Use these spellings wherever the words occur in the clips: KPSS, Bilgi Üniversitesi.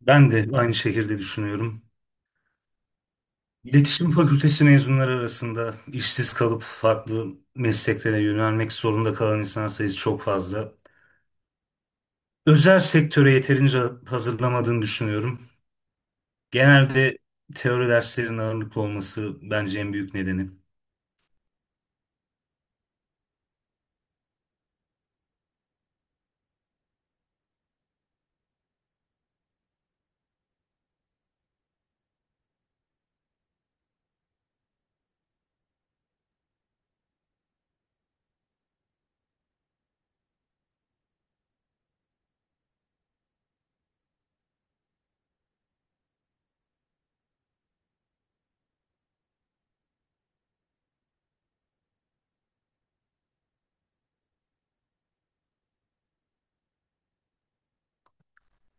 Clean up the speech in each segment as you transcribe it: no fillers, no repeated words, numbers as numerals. Ben de aynı şekilde düşünüyorum. İletişim Fakültesi mezunları arasında işsiz kalıp farklı mesleklere yönelmek zorunda kalan insan sayısı çok fazla. Özel sektöre yeterince hazırlamadığını düşünüyorum. Genelde teori derslerinin ağırlıklı olması bence en büyük nedeni.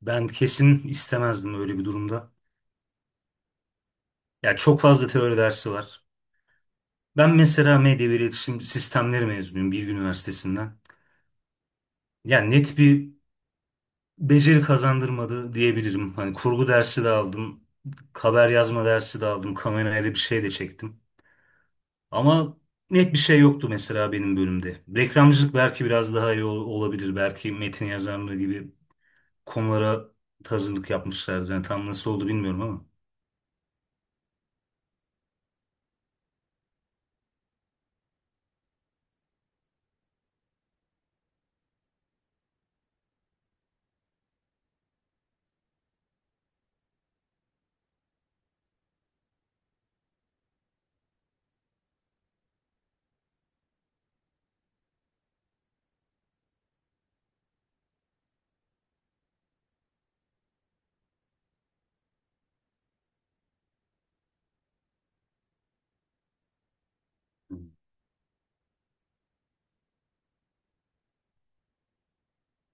Ben kesin istemezdim öyle bir durumda. Ya çok fazla teori dersi var. Ben mesela medya ve iletişim sistemleri mezunuyum Bilgi Üniversitesi'nden. Yani net bir beceri kazandırmadı diyebilirim. Hani kurgu dersi de aldım, haber yazma dersi de aldım, kamerayla bir şey de çektim. Ama net bir şey yoktu mesela benim bölümde. Reklamcılık belki biraz daha iyi olabilir. Belki metin yazarlığı gibi konulara tazınlık yapmışlardı. Yani tam nasıl oldu bilmiyorum ama.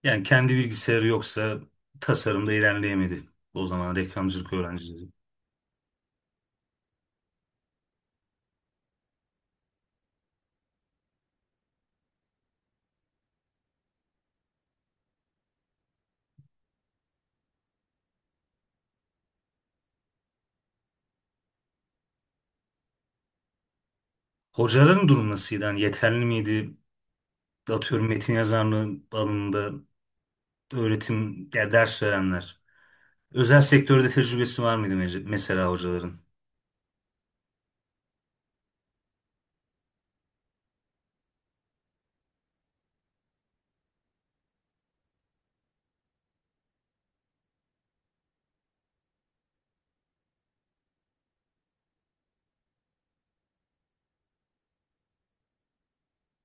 Yani kendi bilgisayarı yoksa tasarımda ilerleyemedi. O zaman reklamcılık öğrencileri. Hocaların durum nasıldı? Yani yeterli miydi? Atıyorum metin yazarlığı alanında öğretim ya ders verenler. Özel sektörde tecrübesi var mıydı mesela hocaların?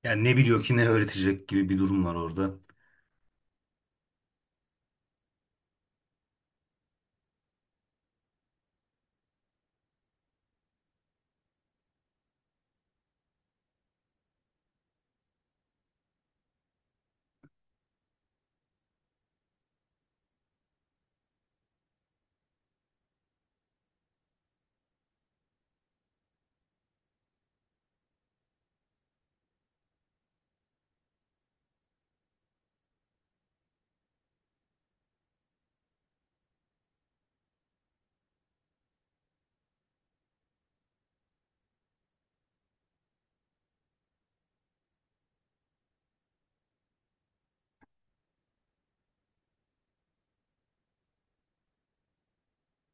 Yani ne biliyor ki ne öğretecek gibi bir durum var orada.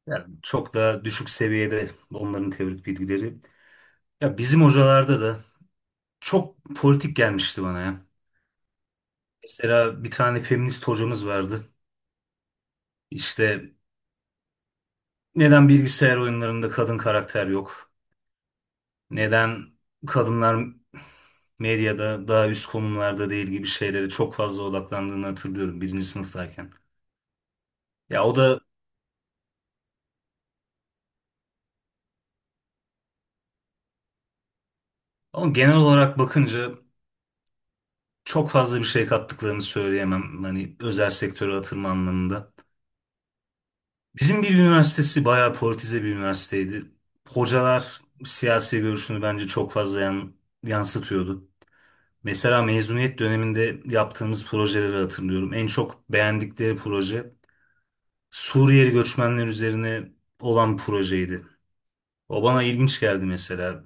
Yani çok da düşük seviyede onların teorik bilgileri. Ya bizim hocalarda da çok politik gelmişti bana ya. Mesela bir tane feminist hocamız vardı. İşte neden bilgisayar oyunlarında kadın karakter yok? Neden kadınlar medyada daha üst konumlarda değil gibi şeylere çok fazla odaklandığını hatırlıyorum birinci sınıftayken. Ya o da. Ama genel olarak bakınca çok fazla bir şey kattıklarını söyleyemem. Hani özel sektöre atılma anlamında. Bizim bir üniversitesi bayağı politize bir üniversiteydi. Hocalar siyasi görüşünü bence çok fazla yansıtıyordu. Mesela mezuniyet döneminde yaptığımız projeleri hatırlıyorum. En çok beğendikleri proje Suriyeli göçmenler üzerine olan projeydi. O bana ilginç geldi mesela.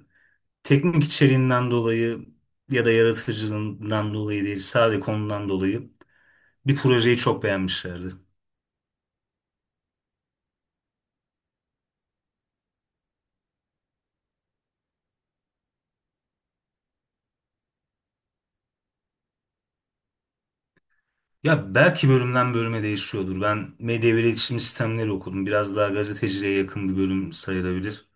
Teknik içeriğinden dolayı ya da yaratıcılığından dolayı değil, sadece konudan dolayı bir projeyi çok beğenmişlerdi. Ya belki bölümden bölüme değişiyordur. Ben medya ve iletişim sistemleri okudum. Biraz daha gazeteciliğe yakın bir bölüm sayılabilir.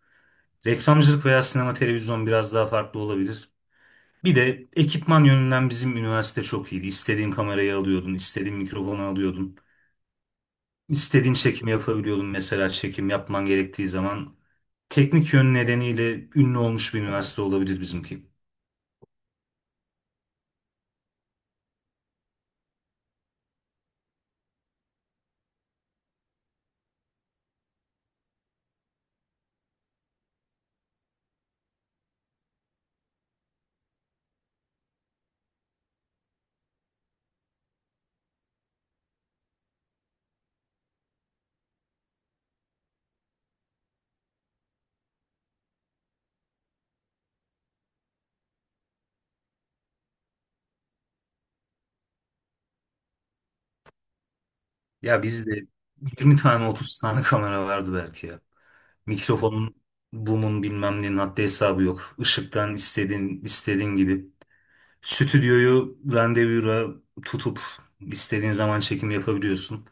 Reklamcılık veya sinema televizyon biraz daha farklı olabilir. Bir de ekipman yönünden bizim üniversite çok iyiydi. İstediğin kamerayı alıyordun, istediğin mikrofonu alıyordun. İstediğin çekimi yapabiliyordun mesela çekim yapman gerektiği zaman. Teknik yön nedeniyle ünlü olmuş bir üniversite olabilir bizimki. Ya bizde 20 tane otuz tane kamera vardı belki ya. Mikrofonun, boom'un bilmem nenin haddi hesabı yok. Işıktan istediğin, istediğin gibi. Stüdyoyu randevura tutup istediğin zaman çekim yapabiliyorsun.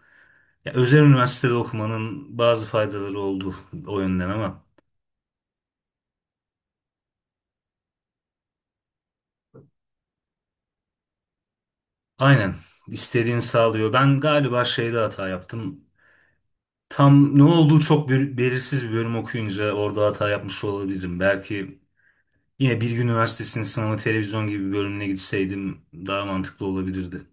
Ya, özel üniversitede okumanın bazı faydaları oldu o yönden ama. Aynen. İstediğini sağlıyor. Ben galiba şeyde hata yaptım. Tam ne olduğu çok belirsiz bir bölüm okuyunca orada hata yapmış olabilirim. Belki yine Bilgi Üniversitesi'nin sınavı televizyon gibi bir bölümüne gitseydim daha mantıklı olabilirdi.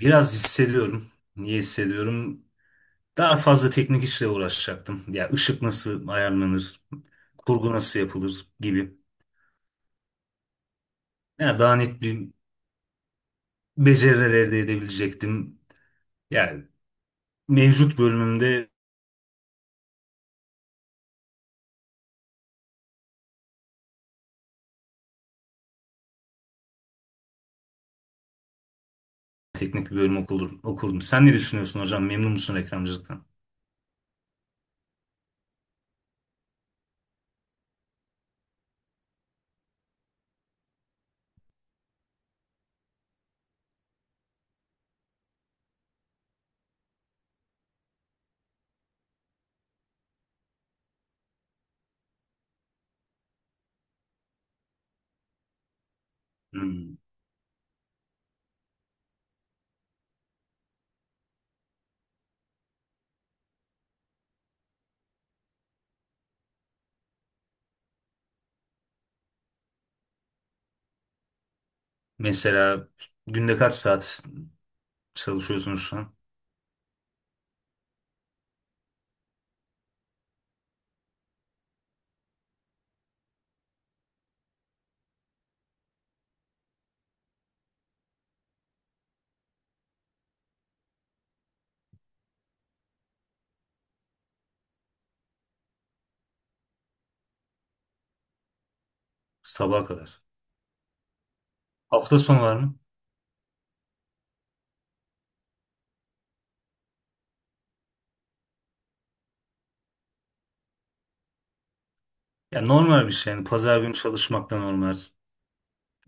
Biraz hissediyorum. Niye hissediyorum? Daha fazla teknik işle uğraşacaktım. Ya ışık nasıl ayarlanır, kurgu nasıl yapılır gibi. Ya daha net bir beceriler elde edebilecektim. Yani mevcut bölümümde teknik bir bölüm okurdum. Sen ne düşünüyorsun hocam? Memnun musun reklamcılıktan? Hmm. Mesela günde kaç saat çalışıyorsunuz şu an? Sabaha kadar. Hafta sonu var mı? Ya normal bir şey. Yani pazar günü çalışmak da normal.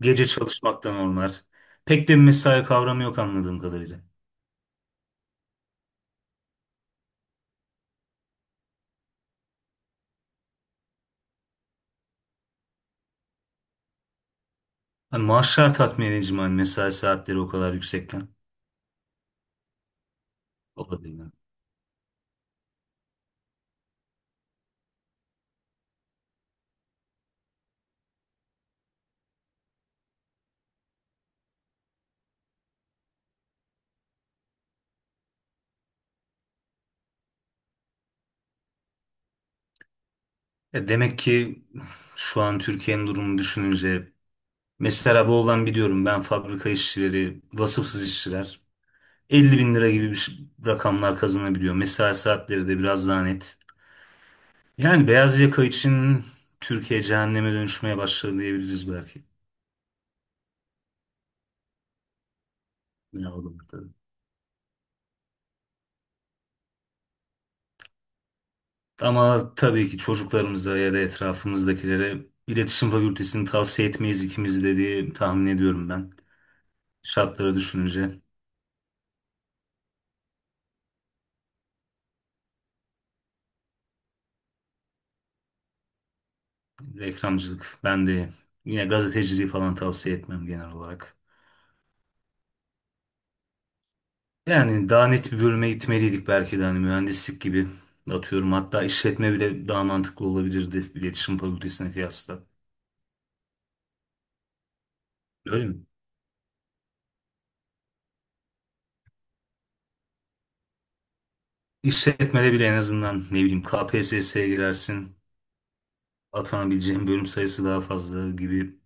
Gece çalışmaktan onlar. Pek de bir mesai kavramı yok anladığım kadarıyla. Hani maaşlar tatmin edici mi? Hani mesai saatleri o kadar yüksekken. O da değil. Yani. E demek ki şu an Türkiye'nin durumunu düşününce mesela Bolu'dan biliyorum ben fabrika işçileri, vasıfsız işçiler 50 bin lira gibi bir rakamlar kazanabiliyor. Mesai saatleri de biraz daha net. Yani beyaz yaka için Türkiye cehenneme dönüşmeye başladı diyebiliriz belki. Ne olur. Ama tabii ki çocuklarımıza ya da etrafımızdakilere iletişim fakültesini tavsiye etmeyiz ikimiz de diye tahmin ediyorum ben. Şartları düşününce reklamcılık ben de yine gazeteciliği falan tavsiye etmem genel olarak. Yani daha net bir bölüme gitmeliydik belki de hani mühendislik gibi atıyorum hatta işletme bile daha mantıklı olabilirdi iletişim fakültesine kıyasla. Öyle mi? İşletmede bile en azından ne bileyim KPSS'ye girersin atanabileceğin bölüm sayısı daha fazla gibi